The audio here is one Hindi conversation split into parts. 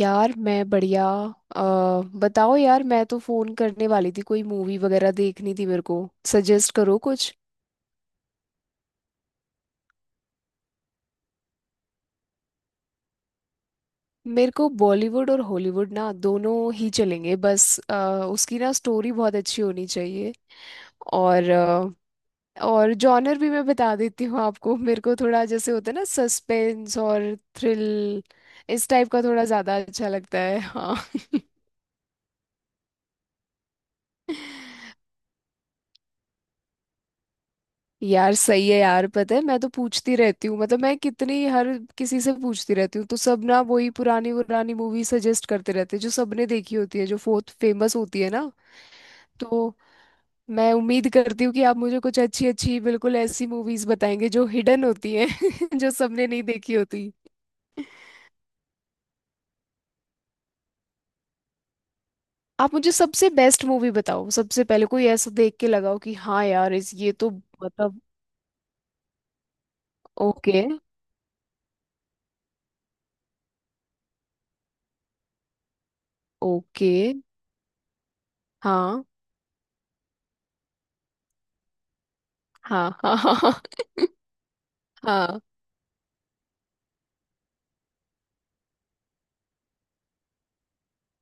यार मैं बढ़िया। अ, बताओ यार, मैं तो फोन करने वाली थी। कोई मूवी वगैरह देखनी थी मेरे को। सजेस्ट करो कुछ। मेरे को बॉलीवुड और हॉलीवुड ना दोनों ही चलेंगे, बस उसकी ना स्टोरी बहुत अच्छी होनी चाहिए। और अ, और जॉनर भी मैं बता देती हूँ आपको। मेरे को थोड़ा, जैसे होता है ना, सस्पेंस और थ्रिल इस टाइप का थोड़ा ज़्यादा अच्छा लगता है। हाँ। यार सही है यार, पता है मैं तो पूछती रहती हूँ। मतलब मैं कितनी, हर किसी से पूछती रहती हूँ, तो सब ना वही पुरानी पुरानी मूवी सजेस्ट करते रहते हैं जो सबने देखी होती है, जो बहुत फेमस होती है ना। तो मैं उम्मीद करती हूँ कि आप मुझे कुछ अच्छी अच्छी, बिल्कुल ऐसी मूवीज बताएंगे जो हिडन होती हैं। जो सबने नहीं देखी होती। आप मुझे सबसे बेस्ट मूवी बताओ सबसे पहले, कोई ऐसा देख के लगाओ कि हाँ यार, इस ये तो मतलब। ओके। ओके। हाँ हाँ हाँ हाँ। हाँ। हाँ।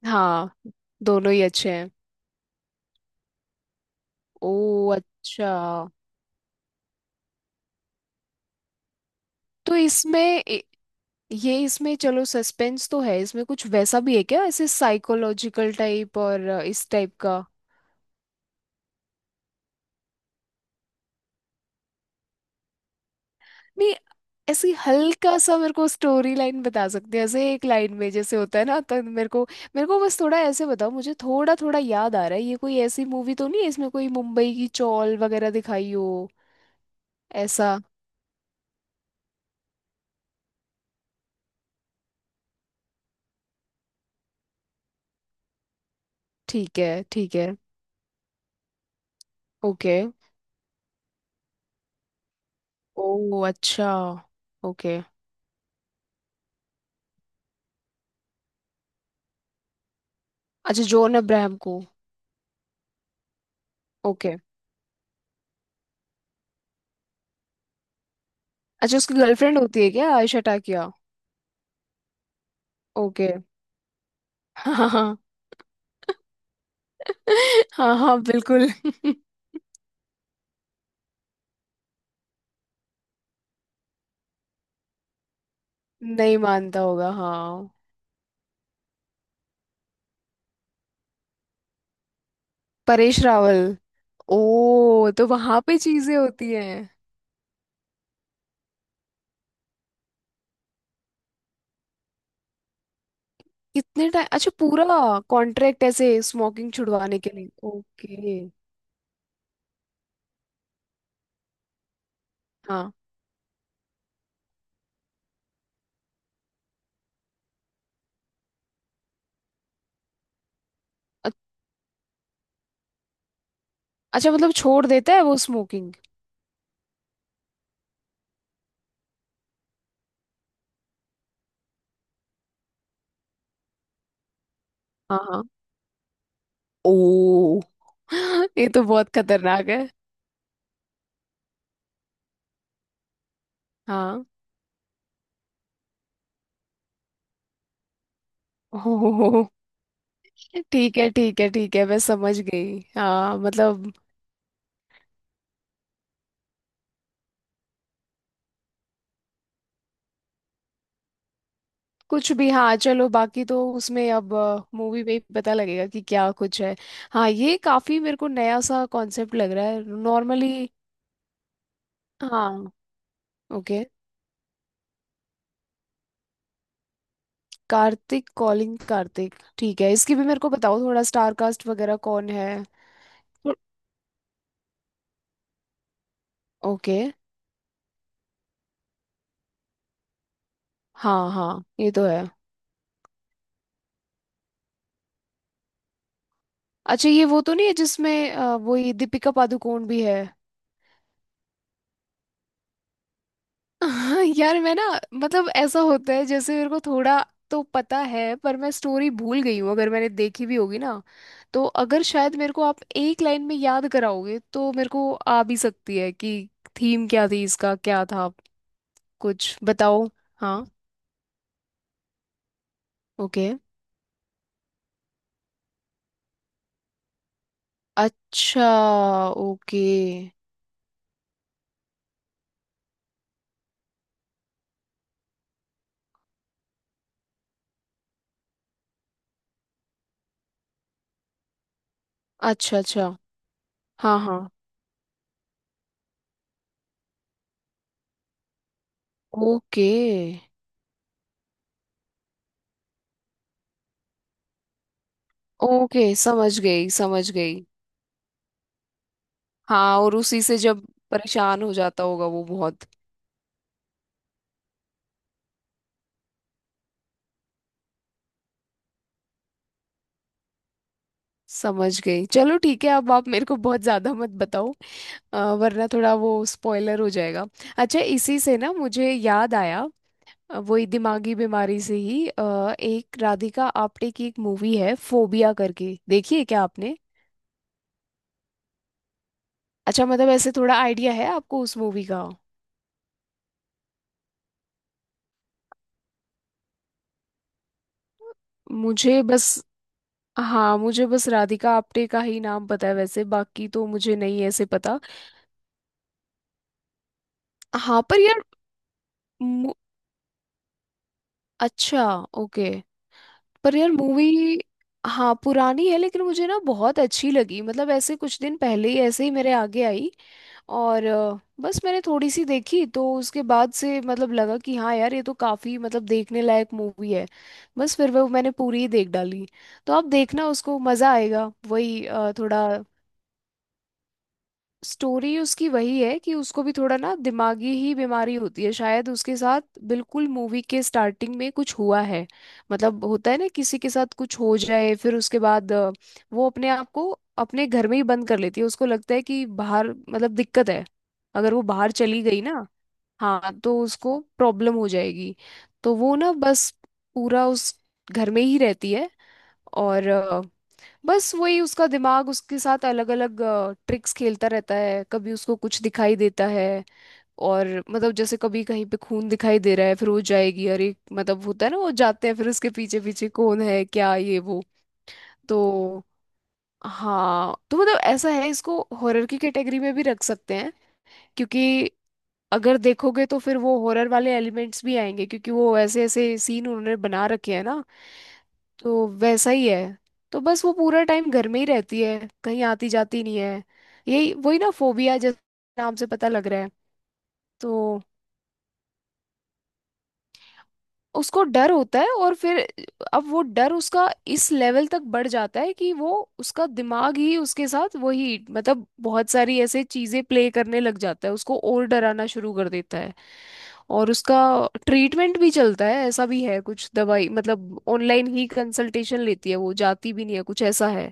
हाँ। दोनों ही अच्छे हैं। ओ अच्छा। तो इसमें ए- ये इसमें, चलो सस्पेंस तो है, इसमें कुछ वैसा भी है क्या, ऐसे साइकोलॉजिकल टाइप और इस टाइप का। नहीं, ऐसी हल्का सा मेरे को स्टोरी लाइन बता सकते हैं, ऐसे एक लाइन में जैसे होता है ना, तो मेरे को बस थोड़ा ऐसे बताओ। मुझे थोड़ा थोड़ा याद आ रहा है, ये कोई ऐसी मूवी तो नहीं है इसमें कोई मुंबई की चौल वगैरह दिखाई हो ऐसा? ठीक है ठीक है। ओके। ओ अच्छा। ओके। अच्छा, जॉन अब्राहम को। ओके। अच्छा, उसकी गर्लफ्रेंड होती है क्या आयशा टाकिया? ओके। हाँ हाँ। हाँ हाँ, बिल्कुल। नहीं मानता होगा, हाँ। परेश रावल। ओ, तो वहां पे चीजें होती हैं। कितने टाइम? अच्छा, पूरा कॉन्ट्रैक्ट ऐसे स्मोकिंग छुड़वाने के लिए। ओके। हाँ। अ- अच्छा, मतलब छोड़ देता है वो स्मोकिंग। हाँ हाँ। ओ। ये तो बहुत खतरनाक है। हाँ। ओ। ठीक है ठीक है ठीक है, मैं समझ गई। हाँ मतलब कुछ भी। हाँ चलो, बाकी तो उसमें अब मूवी में ही पता लगेगा कि क्या कुछ है। हाँ, ये काफी मेरे को नया सा कॉन्सेप्ट लग रहा है नॉर्मली। हाँ। ओके। कार्तिक कॉलिंग कार्तिक, ठीक है। इसकी भी मेरे को बताओ थोड़ा, स्टार कास्ट वगैरह कौन है? ओके। हाँ हाँ, ये तो है। अच्छा, ये वो तो नहीं है जिसमें वो, ये दीपिका पादुकोण भी है? हाँ यार, मैं ना, मतलब ऐसा होता है जैसे, मेरे को थोड़ा तो पता है पर मैं स्टोरी भूल गई हूँ, अगर मैंने देखी भी होगी ना। तो अगर शायद मेरे को आप एक लाइन में याद कराओगे तो मेरे को आ भी सकती है कि थीम क्या थी, इसका क्या था। कुछ बताओ। हाँ। ओके। अच्छा। ओके। अच्छा अच्छा। हाँ हाँ। ओके, ओके समझ गई समझ गई। हाँ, और उसी से जब परेशान हो जाता होगा वो बहुत। समझ गई, चलो ठीक है। अब आप मेरे को बहुत ज़्यादा मत बताओ, वरना थोड़ा वो स्पॉइलर हो जाएगा। अच्छा, इसी से ना मुझे याद आया, वही दिमागी बीमारी से ही, एक राधिका आप्टे की एक मूवी है, फोबिया करके, देखिए क्या आपने? अच्छा, मतलब ऐसे थोड़ा आइडिया है आपको उस मूवी का। मुझे बस हाँ, मुझे बस राधिका आप्टे का ही नाम पता है वैसे, बाकी तो मुझे नहीं ऐसे पता। हाँ पर यार, मु- अच्छा। ओके। पर यार मूवी, हाँ पुरानी है, लेकिन मुझे ना बहुत अच्छी लगी। मतलब ऐसे कुछ दिन पहले ही, ऐसे ही मेरे आगे आई, और बस मैंने थोड़ी सी देखी, तो उसके बाद से मतलब लगा कि हाँ यार, ये तो काफ़ी मतलब देखने लायक मूवी है। बस फिर वो मैंने पूरी ही देख डाली। तो आप देखना उसको, मज़ा आएगा। वही थोड़ा स्टोरी उसकी वही है कि उसको भी थोड़ा ना दिमागी ही बीमारी होती है शायद। उसके साथ बिल्कुल मूवी के स्टार्टिंग में कुछ हुआ है। मतलब होता है ना, किसी के साथ कुछ हो जाए, फिर उसके बाद वो अपने आप को, अपने घर में ही बंद कर लेती है। उसको लगता है कि बाहर मतलब दिक्कत है, अगर वो बाहर चली गई ना, हाँ, तो उसको प्रॉब्लम हो जाएगी। तो वो ना बस पूरा उस घर में ही रहती है। और बस वही उसका दिमाग उसके साथ अलग अलग ट्रिक्स खेलता रहता है। कभी उसको कुछ दिखाई देता है, और मतलब जैसे कभी कहीं पे खून दिखाई दे रहा है, फिर वो जाएगी अरे मतलब, होता है ना, वो जाते हैं फिर उसके पीछे पीछे कौन है क्या ये वो। तो हाँ, तो मतलब ऐसा है, इसको हॉरर की कैटेगरी में भी रख सकते हैं, क्योंकि अगर देखोगे तो फिर वो हॉरर वाले एलिमेंट्स भी आएंगे, क्योंकि वो ऐसे ऐसे सीन उन्होंने बना रखे हैं ना, तो वैसा ही है। तो बस वो पूरा टाइम घर में ही रहती है, कहीं आती जाती नहीं है। यही, वही ना फोबिया, जैसे नाम से पता लग रहा है। तो उसको डर होता है, और फिर अब वो डर उसका इस लेवल तक बढ़ जाता है कि वो, उसका दिमाग ही उसके साथ वही मतलब बहुत सारी ऐसे चीजें प्ले करने लग जाता है, उसको और डराना शुरू कर देता है। और उसका ट्रीटमेंट भी चलता है, ऐसा भी है कुछ दवाई, मतलब ऑनलाइन ही कंसल्टेशन लेती है, वो जाती भी नहीं है, कुछ ऐसा है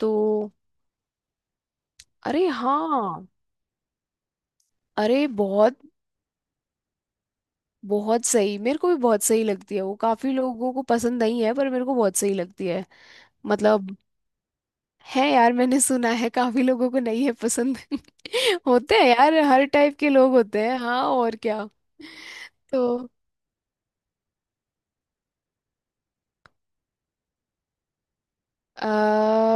तो। अरे हाँ। अरे बहुत, बहुत सही। मेरे को भी बहुत सही लगती है वो, काफी लोगों को पसंद नहीं है पर मेरे को बहुत सही लगती है। मतलब है यार, मैंने सुना है काफी लोगों को नहीं है पसंद। होते हैं यार, हर टाइप के लोग होते हैं। हाँ, और क्या। तो आ,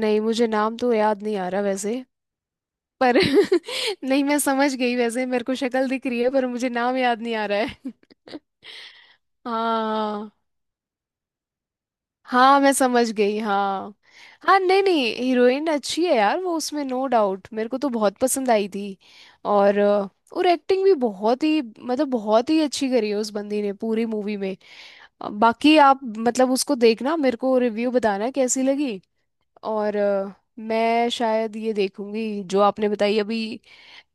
नहीं, मुझे नाम तो याद नहीं आ रहा वैसे। पर नहीं, मैं समझ गई वैसे, मेरे को शक्ल दिख रही है पर मुझे नाम याद नहीं आ रहा है। हाँ। हाँ, मैं समझ गई। हाँ। हाँ नहीं नहीं, हीरोइन अच्छी है यार वो उसमें, नो डाउट, मेरे को तो बहुत पसंद आई थी। और एक्टिंग भी बहुत ही, मतलब बहुत ही अच्छी करी है उस बंदी ने पूरी मूवी में। बाकी आप मतलब उसको देखना, मेरे को रिव्यू बताना कैसी लगी। और मैं शायद ये देखूंगी जो आपने बताई अभी।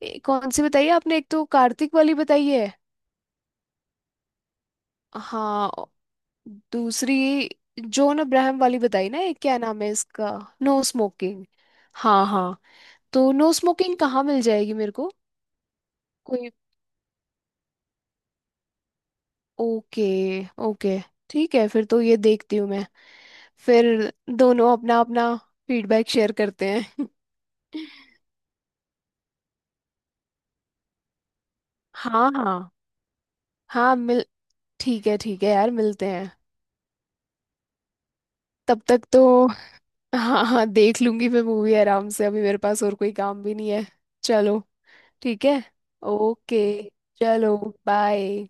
कौन सी बताई है आपने? एक तो कार्तिक वाली बताई है। हाँ, दूसरी जॉन अब्राहम वाली बताई ना, एक क्या नाम है इसका? No smoking. हाँ हाँ। तो नो स्मोकिंग कहाँ मिल जाएगी मेरे को? कोई। ओके। ओके। ठीक है, फिर तो ये देखती हूँ मैं। फिर दोनों अपना अपना फीडबैक शेयर करते हैं। हाँ हाँ। हाँ मिल ठीक है यार, मिलते हैं। तब तक तो हाँ हाँ, देख लूंगी मैं मूवी आराम से, अभी मेरे पास और कोई काम भी नहीं है। चलो ठीक है। ओके। चलो। बाय।